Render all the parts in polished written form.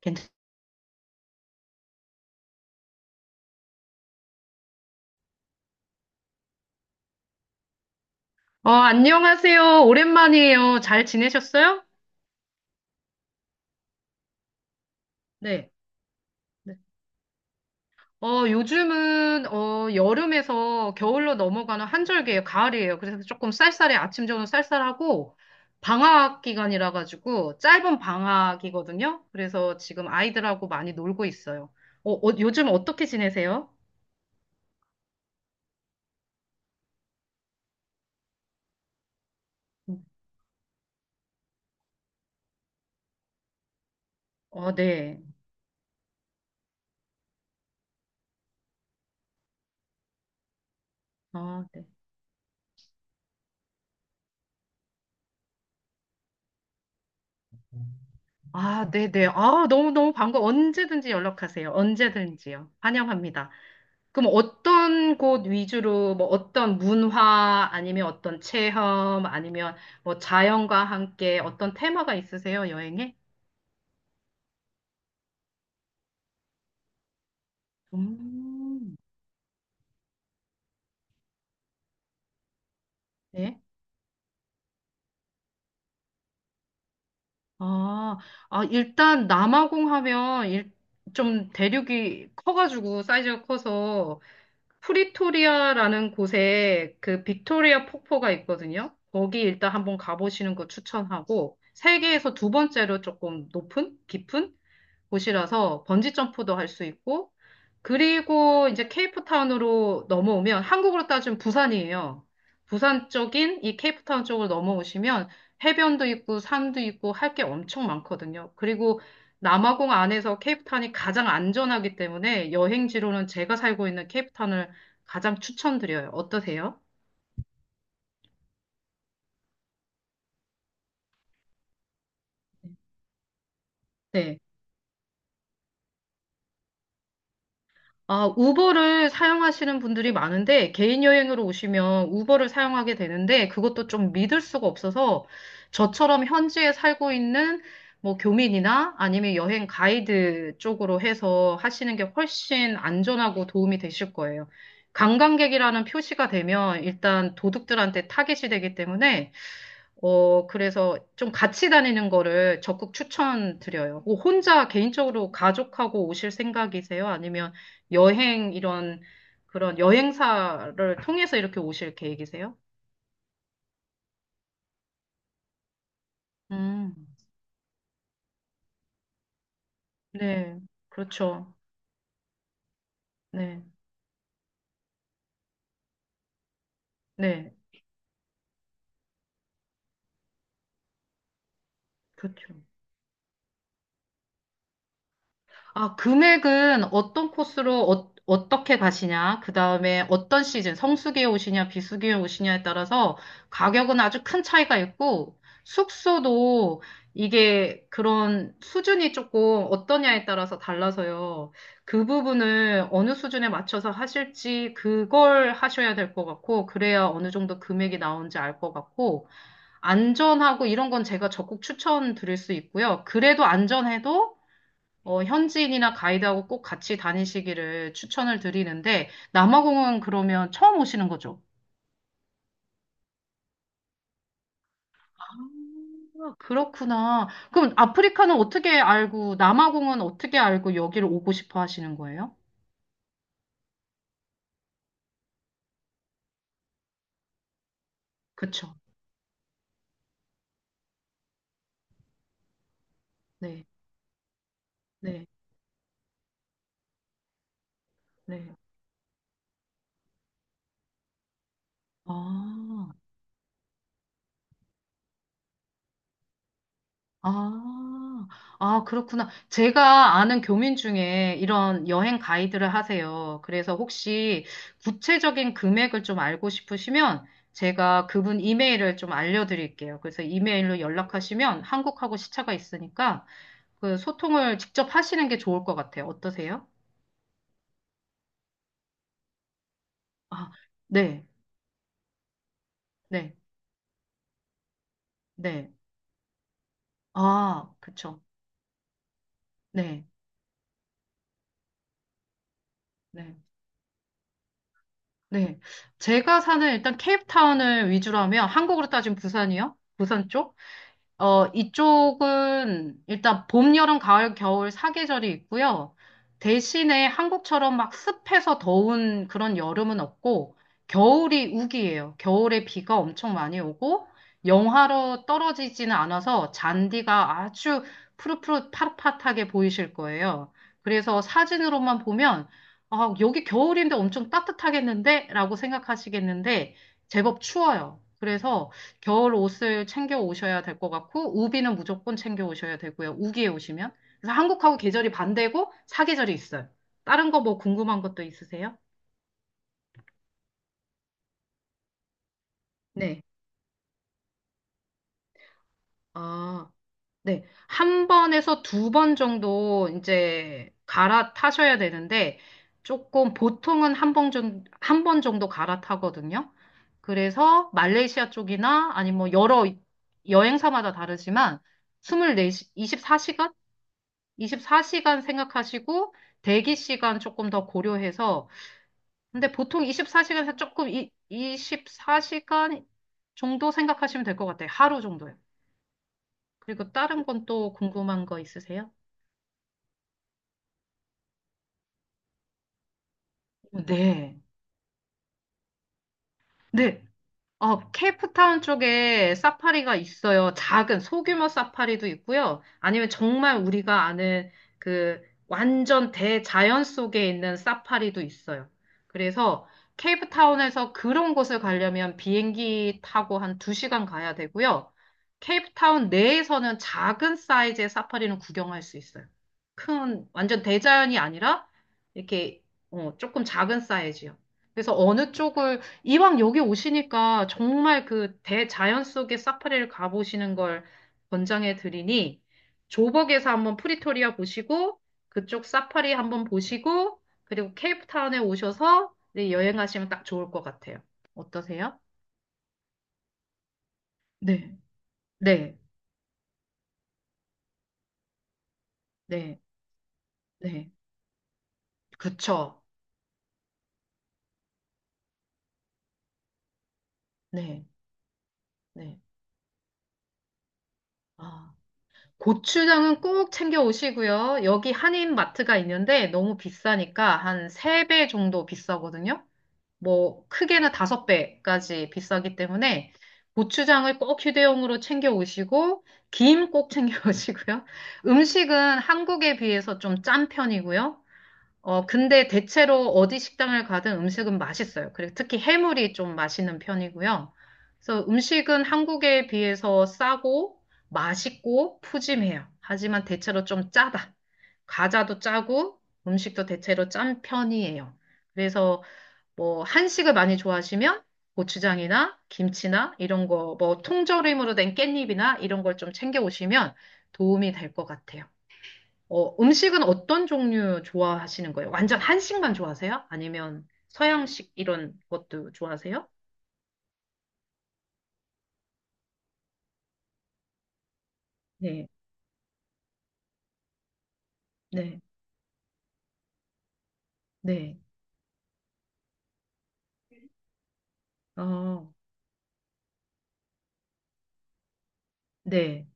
괜찮, 안녕하세요. 오랜만이에요. 잘 지내셨어요? 네. 네. 요즘은, 여름에서 겨울로 넘어가는 한절기예요. 가을이에요. 그래서 조금 쌀쌀해. 아침, 저녁 쌀쌀하고, 방학 기간이라 가지고, 짧은 방학이거든요. 그래서 지금 아이들하고 많이 놀고 있어요. 요즘 어떻게 지내세요? 음, 네. 아, 네. 아, 네네. 아, 너무너무 반가워. 언제든지 연락하세요. 언제든지요. 환영합니다. 그럼 어떤 곳 위주로 뭐 어떤 문화 아니면 어떤 체험 아니면 뭐 자연과 함께 어떤 테마가 있으세요, 여행에? 음, 네. 아, 아, 일단 남아공 하면 좀 대륙이 커가지고 사이즈가 커서 프리토리아라는 곳에 그 빅토리아 폭포가 있거든요. 거기 일단 한번 가보시는 거 추천하고 세계에서 두 번째로 조금 높은? 깊은? 곳이라서 번지 점프도 할 수 있고 그리고 이제 케이프타운으로 넘어오면 한국으로 따지면 부산이에요. 부산 쪽인 이 케이프타운 쪽으로 넘어오시면 해변도 있고 산도 있고 할 게 엄청 많거든요. 그리고 남아공 안에서 케이프타운이 가장 안전하기 때문에 여행지로는 제가 살고 있는 케이프타운을 가장 추천드려요. 어떠세요? 네. 아, 우버를 사용하시는 분들이 많은데, 개인 여행으로 오시면 우버를 사용하게 되는데, 그것도 좀 믿을 수가 없어서, 저처럼 현지에 살고 있는 뭐 교민이나 아니면 여행 가이드 쪽으로 해서 하시는 게 훨씬 안전하고 도움이 되실 거예요. 관광객이라는 표시가 되면 일단 도둑들한테 타겟이 되기 때문에 그래서 좀 같이 다니는 거를 적극 추천드려요. 뭐 혼자 개인적으로 가족하고 오실 생각이세요? 아니면 여행 이런 그런 여행사를 통해서 이렇게 오실 계획이세요? 음, 네, 그렇죠. 네, 네, 그렇죠. 아, 금액은 어떤 코스로 어떻게 가시냐, 그 다음에 어떤 시즌, 성수기에 오시냐, 비수기에 오시냐에 따라서 가격은 아주 큰 차이가 있고, 숙소도 이게 그런 수준이 조금 어떠냐에 따라서 달라서요. 그 부분을 어느 수준에 맞춰서 하실지 그걸 하셔야 될 것 같고, 그래야 어느 정도 금액이 나오는지 알 것 같고, 안전하고 이런 건 제가 적극 추천드릴 수 있고요. 그래도 안전해도 현지인이나 가이드하고 꼭 같이 다니시기를 추천을 드리는데, 남아공은 그러면 처음 오시는 거죠? 아, 그렇구나. 그럼 아프리카는 어떻게 알고, 남아공은 어떻게 알고 여기를 오고 싶어 하시는 거예요? 그쵸. 네, 네, 네. 아. 아, 아, 그렇구나. 제가 아는 교민 중에 이런 여행 가이드를 하세요. 그래서 혹시 구체적인 금액을 좀 알고 싶으시면 제가 그분 이메일을 좀 알려드릴게요. 그래서 이메일로 연락하시면 한국하고 시차가 있으니까 그 소통을 직접 하시는 게 좋을 것 같아요. 어떠세요? 아, 네, 네, 네. 아, 그쵸. 네, 네, 네. 제가 사는 일단 케이프타운을 위주로 하면 한국으로 따지면 부산이요? 부산 쪽? 이쪽은 일단 봄, 여름, 가을, 겨울 사계절이 있고요. 대신에 한국처럼 막 습해서 더운 그런 여름은 없고, 겨울이 우기예요. 겨울에 비가 엄청 많이 오고, 영하로 떨어지지는 않아서 잔디가 아주 푸릇푸릇 파릇파릇하게 보이실 거예요. 그래서 사진으로만 보면, 아, 여기 겨울인데 엄청 따뜻하겠는데? 라고 생각하시겠는데, 제법 추워요. 그래서 겨울 옷을 챙겨 오셔야 될 것 같고, 우비는 무조건 챙겨 오셔야 되고요. 우기에 오시면. 그래서 한국하고 계절이 반대고 사계절이 있어요. 다른 거 뭐 궁금한 것도 있으세요? 네. 아, 네. 한 번에서 두 번 정도 이제 갈아타셔야 되는데, 조금 보통은 한번 정도 갈아타거든요. 그래서 말레이시아 쪽이나 아니 뭐 여러 여행사마다 다르지만 24, 24시간 생각하시고 대기 시간 조금 더 고려해서 근데 보통 24시간에서 조금 24시간 정도 생각하시면 될 것 같아요. 하루 정도요. 그리고 다른 건 또 궁금한 거 있으세요? 네. 네, 케이프타운 쪽에 사파리가 있어요. 작은 소규모 사파리도 있고요. 아니면 정말 우리가 아는 그 완전 대자연 속에 있는 사파리도 있어요. 그래서 케이프타운에서 그런 곳을 가려면 비행기 타고 한 두 시간 가야 되고요. 케이프타운 내에서는 작은 사이즈의 사파리는 구경할 수 있어요. 큰, 완전 대자연이 아니라 이렇게 조금 작은 사이즈요. 그래서 어느 쪽을 이왕 여기 오시니까 정말 그 대자연 속의 사파리를 가보시는 걸 권장해 드리니 조벅에서 한번 프리토리아 보시고 그쪽 사파리 한번 보시고 그리고 케이프타운에 오셔서 네, 여행하시면 딱 좋을 것 같아요. 어떠세요? 네, 네, 네, 네. 그렇죠. 네, 네. 아, 고추장은 꼭 챙겨 오시고요. 여기 한인 마트가 있는데 너무 비싸니까 한 3배 정도 비싸거든요. 뭐 크게는 다섯 배까지 비싸기 때문에 고추장을 꼭 휴대용으로 챙겨 오시고 김 꼭 챙겨 오시고요. 음식은 한국에 비해서 좀 짠 편이고요. 근데 대체로 어디 식당을 가든 음식은 맛있어요. 그리고 특히 해물이 좀 맛있는 편이고요. 그래서 음식은 한국에 비해서 싸고 맛있고 푸짐해요. 하지만 대체로 좀 짜다. 과자도 짜고 음식도 대체로 짠 편이에요. 그래서 뭐 한식을 많이 좋아하시면 고추장이나 김치나 이런 거, 뭐 통조림으로 된 깻잎이나 이런 걸 좀 챙겨 오시면 도움이 될 것 같아요. 음식은 어떤 종류 좋아하시는 거예요? 완전 한식만 좋아하세요? 아니면 서양식 이런 것도 좋아하세요? 네, 네, 네. 어, 네.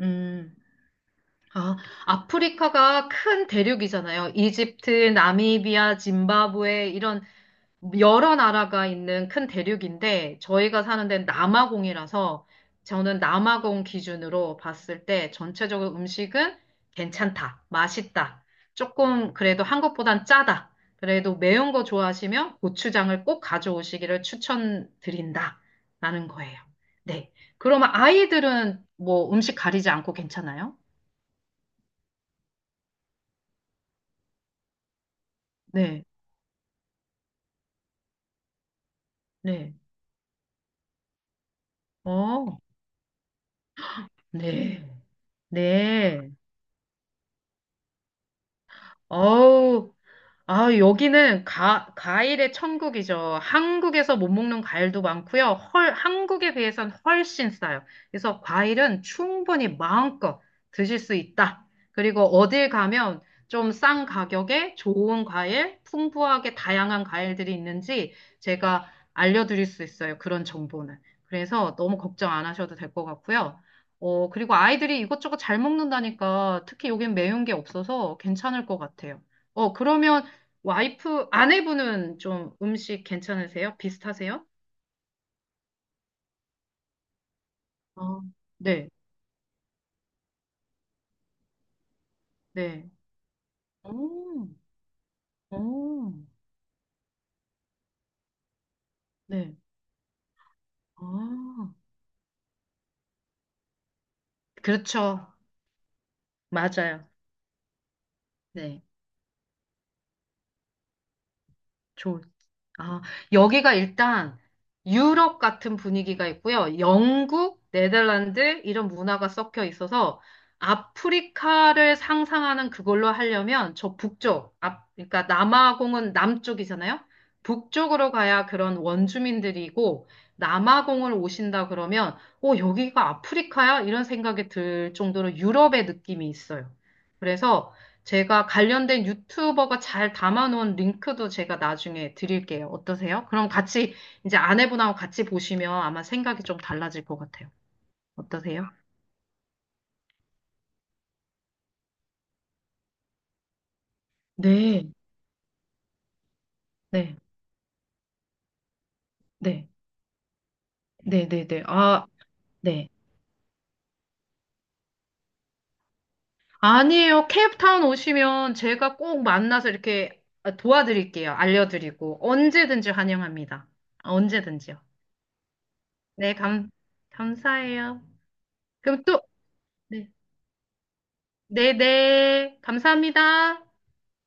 음. 아, 아프리카가 큰 대륙이잖아요. 이집트, 나미비아, 짐바브웨 이런 여러 나라가 있는 큰 대륙인데 저희가 사는 데는 남아공이라서 저는 남아공 기준으로 봤을 때 전체적으로 음식은 괜찮다, 맛있다. 조금 그래도 한국보단 짜다. 그래도 매운 거 좋아하시면 고추장을 꼭 가져오시기를 추천드린다. 라는 거예요. 네. 그러면 아이들은 뭐 음식 가리지 않고 괜찮아요? 네. 네. 어, 네. 네. 어우. 아, 여기는 과일의 천국이죠. 한국에서 못 먹는 과일도 많고요. 헐, 한국에 비해선 훨씬 싸요. 그래서 과일은 충분히 마음껏 드실 수 있다. 그리고 어딜 가면 좀 싼 가격에 좋은 과일, 풍부하게 다양한 과일들이 있는지 제가 알려드릴 수 있어요. 그런 정보는. 그래서 너무 걱정 안 하셔도 될 것 같고요. 그리고 아이들이 이것저것 잘 먹는다니까 특히 여긴 매운 게 없어서 괜찮을 것 같아요. 그러면 와이프, 아내분은 좀 음식 괜찮으세요? 비슷하세요? 아, 네, 네, 오 오 네. 아, 그렇죠. 맞아요. 네. 좋 아, 여기가 일단 유럽 같은 분위기가 있고요. 영국, 네덜란드 이런 문화가 섞여 있어서 아프리카를 상상하는 그걸로 하려면 저 북쪽, 앞, 그러니까 남아공은 남쪽이잖아요. 북쪽으로 가야 그런 원주민들이고 남아공을 오신다 그러면 여기가 아프리카야? 이런 생각이 들 정도로 유럽의 느낌이 있어요. 그래서 제가 관련된 유튜버가 잘 담아놓은 링크도 제가 나중에 드릴게요. 어떠세요? 그럼 같이 이제 아내분하고 같이 보시면 아마 생각이 좀 달라질 것 같아요. 어떠세요? 네, 네, 네, 네, 네, 네. 아, 네. 아니에요. 케이프타운 오시면 제가 꼭 만나서 이렇게 도와드릴게요. 알려드리고 언제든지 환영합니다. 아, 언제든지요. 네, 감사해요. 그럼 또, 네, 네, 네. 감사합니다.